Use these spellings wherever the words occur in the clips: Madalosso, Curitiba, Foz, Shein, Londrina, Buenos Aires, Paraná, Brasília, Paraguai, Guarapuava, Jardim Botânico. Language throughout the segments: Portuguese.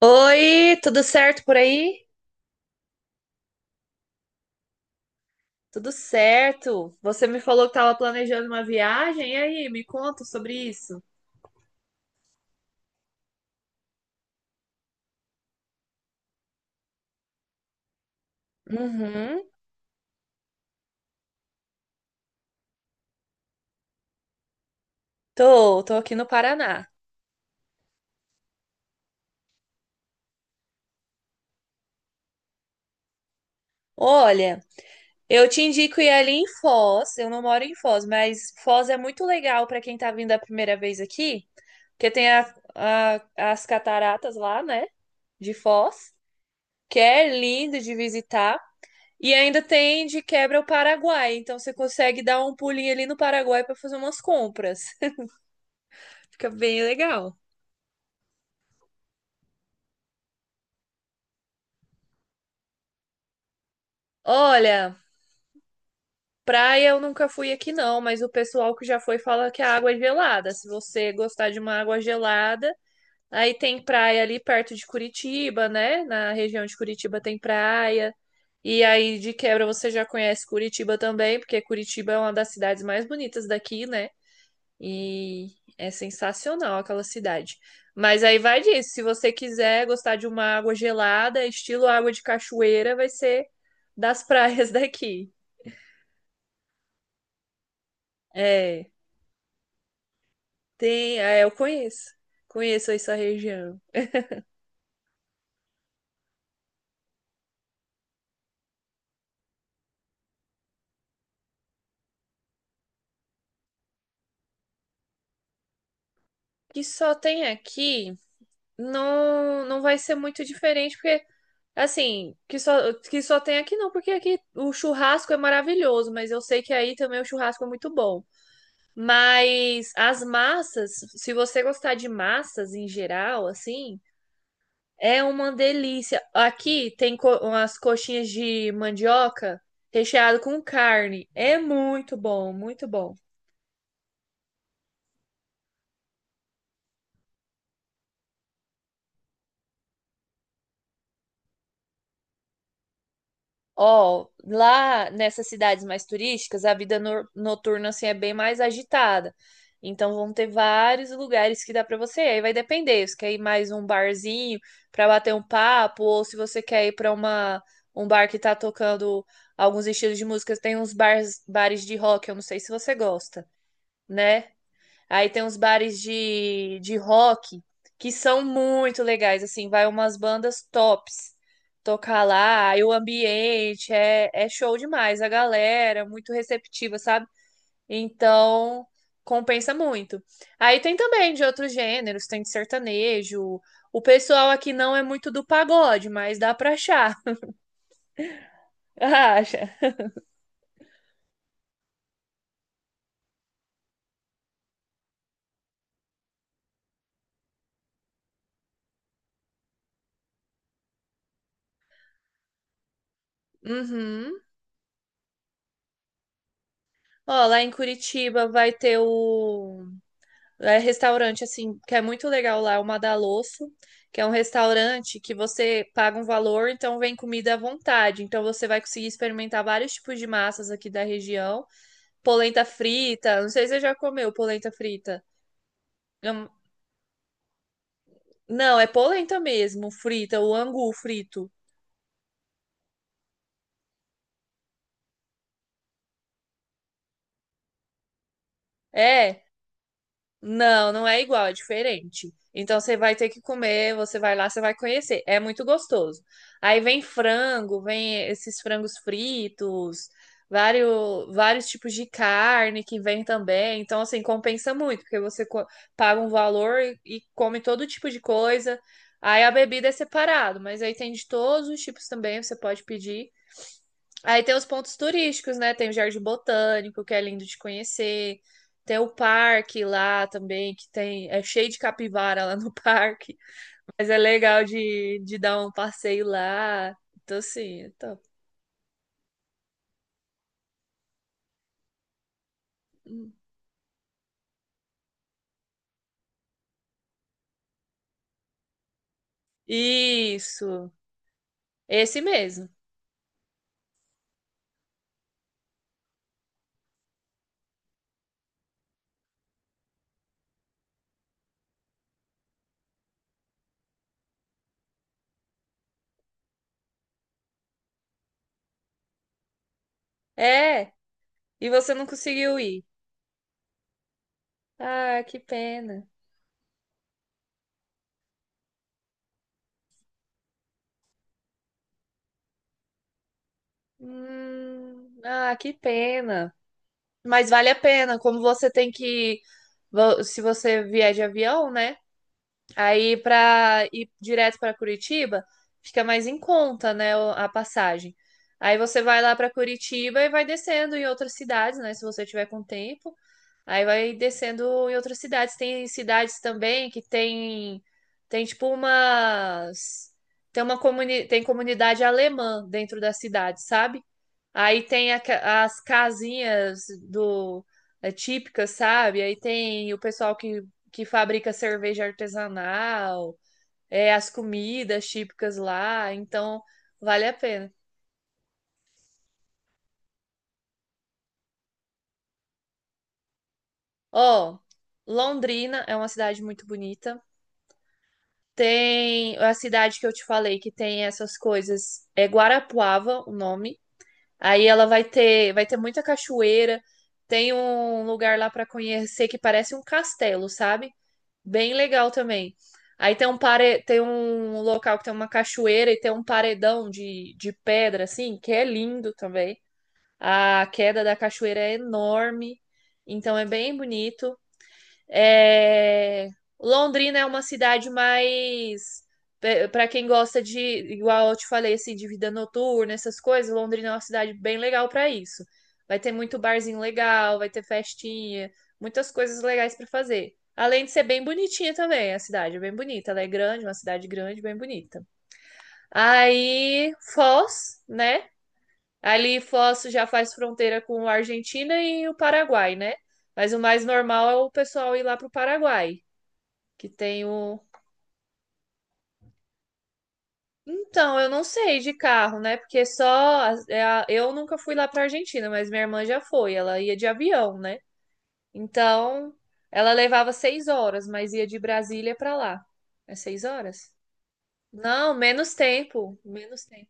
Oi, tudo certo por aí? Tudo certo. Você me falou que estava planejando uma viagem, e aí, me conta sobre isso. Uhum. Tô aqui no Paraná. Olha, eu te indico ir ali em Foz. Eu não moro em Foz, mas Foz é muito legal para quem tá vindo a primeira vez aqui, porque tem as cataratas lá, né, de Foz, que é lindo de visitar. E ainda tem de quebra o Paraguai, então você consegue dar um pulinho ali no Paraguai para fazer umas compras. Fica bem legal. Olha, praia eu nunca fui aqui não, mas o pessoal que já foi fala que a água é gelada. Se você gostar de uma água gelada, aí tem praia ali perto de Curitiba, né? Na região de Curitiba tem praia. E aí de quebra você já conhece Curitiba também, porque Curitiba é uma das cidades mais bonitas daqui, né? E é sensacional aquela cidade. Mas aí vai disso, se você quiser gostar de uma água gelada, estilo água de cachoeira, vai ser das praias daqui. É, tem, é, eu conheço. Conheço essa região. Que só tem aqui, não, não vai ser muito diferente, porque assim, que só tem aqui não, porque aqui o churrasco é maravilhoso, mas eu sei que aí também o churrasco é muito bom. Mas as massas, se você gostar de massas em geral, assim, é uma delícia. Aqui tem co umas coxinhas de mandioca recheado com carne. É muito bom, muito bom. Ó, lá nessas cidades mais turísticas, a vida noturna assim é bem mais agitada. Então vão ter vários lugares que dá pra você. Aí vai depender, se quer ir mais um barzinho pra bater um papo ou se você quer ir pra uma um bar que tá tocando alguns estilos de música, tem uns bars, bares de rock, eu não sei se você gosta, né? Aí tem uns bares de rock que são muito legais, assim, vai umas bandas tops tocar lá, aí o ambiente é, é show demais, a galera é muito receptiva, sabe? Então compensa muito. Aí tem também de outros gêneros, tem de sertanejo. O pessoal aqui não é muito do pagode, mas dá pra achar. Acha. Uhum. Ó, lá em Curitiba vai ter o é restaurante assim, que é muito legal lá, é o Madalosso, que é um restaurante que você paga um valor, então vem comida à vontade. Então você vai conseguir experimentar vários tipos de massas aqui da região. Polenta frita, não sei se você já comeu polenta frita. Não, não, é polenta mesmo, frita, o angu frito. É. Não, não é igual, é diferente. Então você vai ter que comer, você vai lá, você vai conhecer. É muito gostoso. Aí vem frango, vem esses frangos fritos, vários, vários tipos de carne que vem também. Então, assim, compensa muito, porque você paga um valor e come todo tipo de coisa. Aí a bebida é separado, mas aí tem de todos os tipos também, você pode pedir. Aí tem os pontos turísticos, né? Tem o Jardim Botânico, que é lindo de conhecer. Tem o parque lá também, que tem, é cheio de capivara lá no parque. Mas é legal de dar um passeio lá. Então, assim, é top. Isso, esse mesmo. É, e você não conseguiu ir. Ah, que pena. Ah, que pena. Mas vale a pena, como você tem que, se você vier de avião, né? Aí, para ir direto para Curitiba, fica mais em conta, né, a passagem. Aí você vai lá para Curitiba e vai descendo em outras cidades, né, se você tiver com tempo. Aí vai descendo em outras cidades. Tem cidades também que tem tem tipo umas tem uma comuni... tem comunidade alemã dentro da cidade, sabe? Aí tem as casinhas do é, típicas, sabe? Aí tem o pessoal que fabrica cerveja artesanal, é, as comidas típicas lá, então vale a pena. Ó, Londrina é uma cidade muito bonita. Tem a cidade que eu te falei que tem essas coisas, é Guarapuava o nome. Aí ela vai ter muita cachoeira. Tem um lugar lá para conhecer que parece um castelo, sabe? Bem legal também. Aí tem um pare... tem um local que tem uma cachoeira e tem um paredão de pedra, assim, que é lindo também. A queda da cachoeira é enorme, então é bem bonito. É, Londrina é uma cidade mais para quem gosta de, igual eu te falei, assim, de vida noturna, essas coisas, Londrina é uma cidade bem legal para isso. Vai ter muito barzinho legal, vai ter festinha, muitas coisas legais para fazer. Além de ser bem bonitinha também, a cidade é bem bonita, ela é grande, uma cidade grande, bem bonita. Aí, Foz, né? Ali Foz já faz fronteira com a Argentina e o Paraguai, né? Mas o mais normal é o pessoal ir lá pro Paraguai que tem o. Então, eu não sei de carro, né? Porque só. É eu nunca fui lá pra Argentina, mas minha irmã já foi. Ela ia de avião, né? Então, ela levava 6 horas, mas ia de Brasília pra lá. É 6 horas? Não, menos tempo. Menos tempo.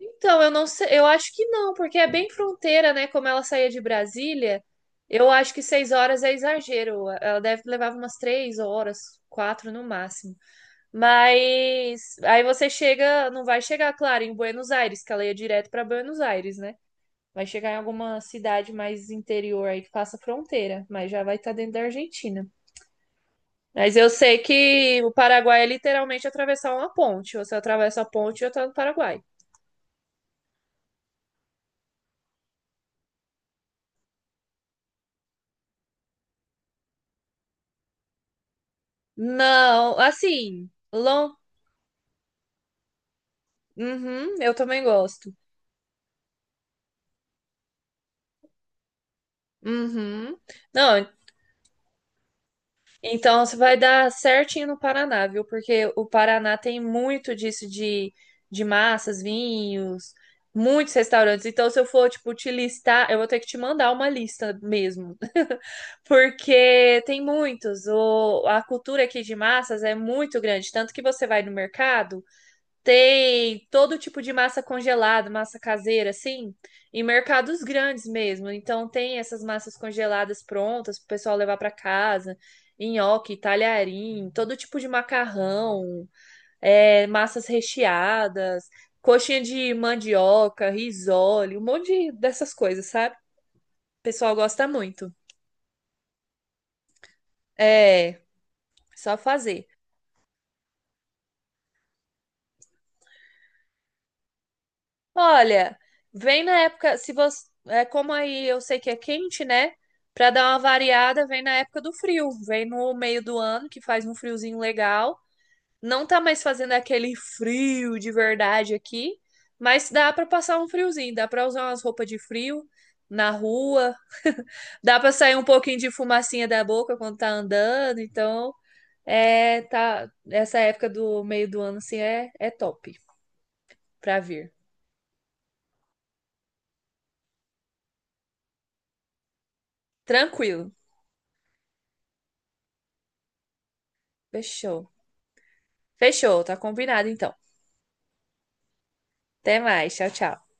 Então, eu não sei. Eu acho que não, porque é bem fronteira, né? Como ela saía de Brasília, eu acho que 6 horas é exagero. Ela deve levar umas 3 horas, 4 no máximo. Mas aí você chega, não vai chegar, claro, em Buenos Aires, que ela ia direto para Buenos Aires, né? Vai chegar em alguma cidade mais interior aí que faça fronteira, mas já vai estar dentro da Argentina. Mas eu sei que o Paraguai é literalmente atravessar uma ponte. Você atravessa a ponte e já tá no Paraguai. Não, assim, long... Uhum, eu também gosto. Uhum. Não, então, você vai dar certinho no Paraná, viu? Porque o Paraná tem muito disso de massas, vinhos, muitos restaurantes. Então, se eu for, tipo, te listar, eu vou ter que te mandar uma lista mesmo. Porque tem muitos. O, a cultura aqui de massas é muito grande. Tanto que você vai no mercado. Tem todo tipo de massa congelada, massa caseira, assim, em mercados grandes mesmo. Então tem essas massas congeladas prontas para o pessoal levar para casa, nhoque, talharim, todo tipo de macarrão, é, massas recheadas, coxinha de mandioca, risole, um monte dessas coisas, sabe? O pessoal gosta muito. É, só fazer. Olha, vem na época, se você, é como aí eu sei que é quente, né? Pra dar uma variada, vem na época do frio, vem no meio do ano que faz um friozinho legal. Não tá mais fazendo aquele frio de verdade aqui, mas dá pra passar um friozinho, dá pra usar umas roupas de frio na rua, dá pra sair um pouquinho de fumacinha da boca quando tá andando, então é tá essa época do meio do ano assim é top pra vir. Tranquilo. Fechou. Fechou, tá combinado então. Até mais, tchau, tchau.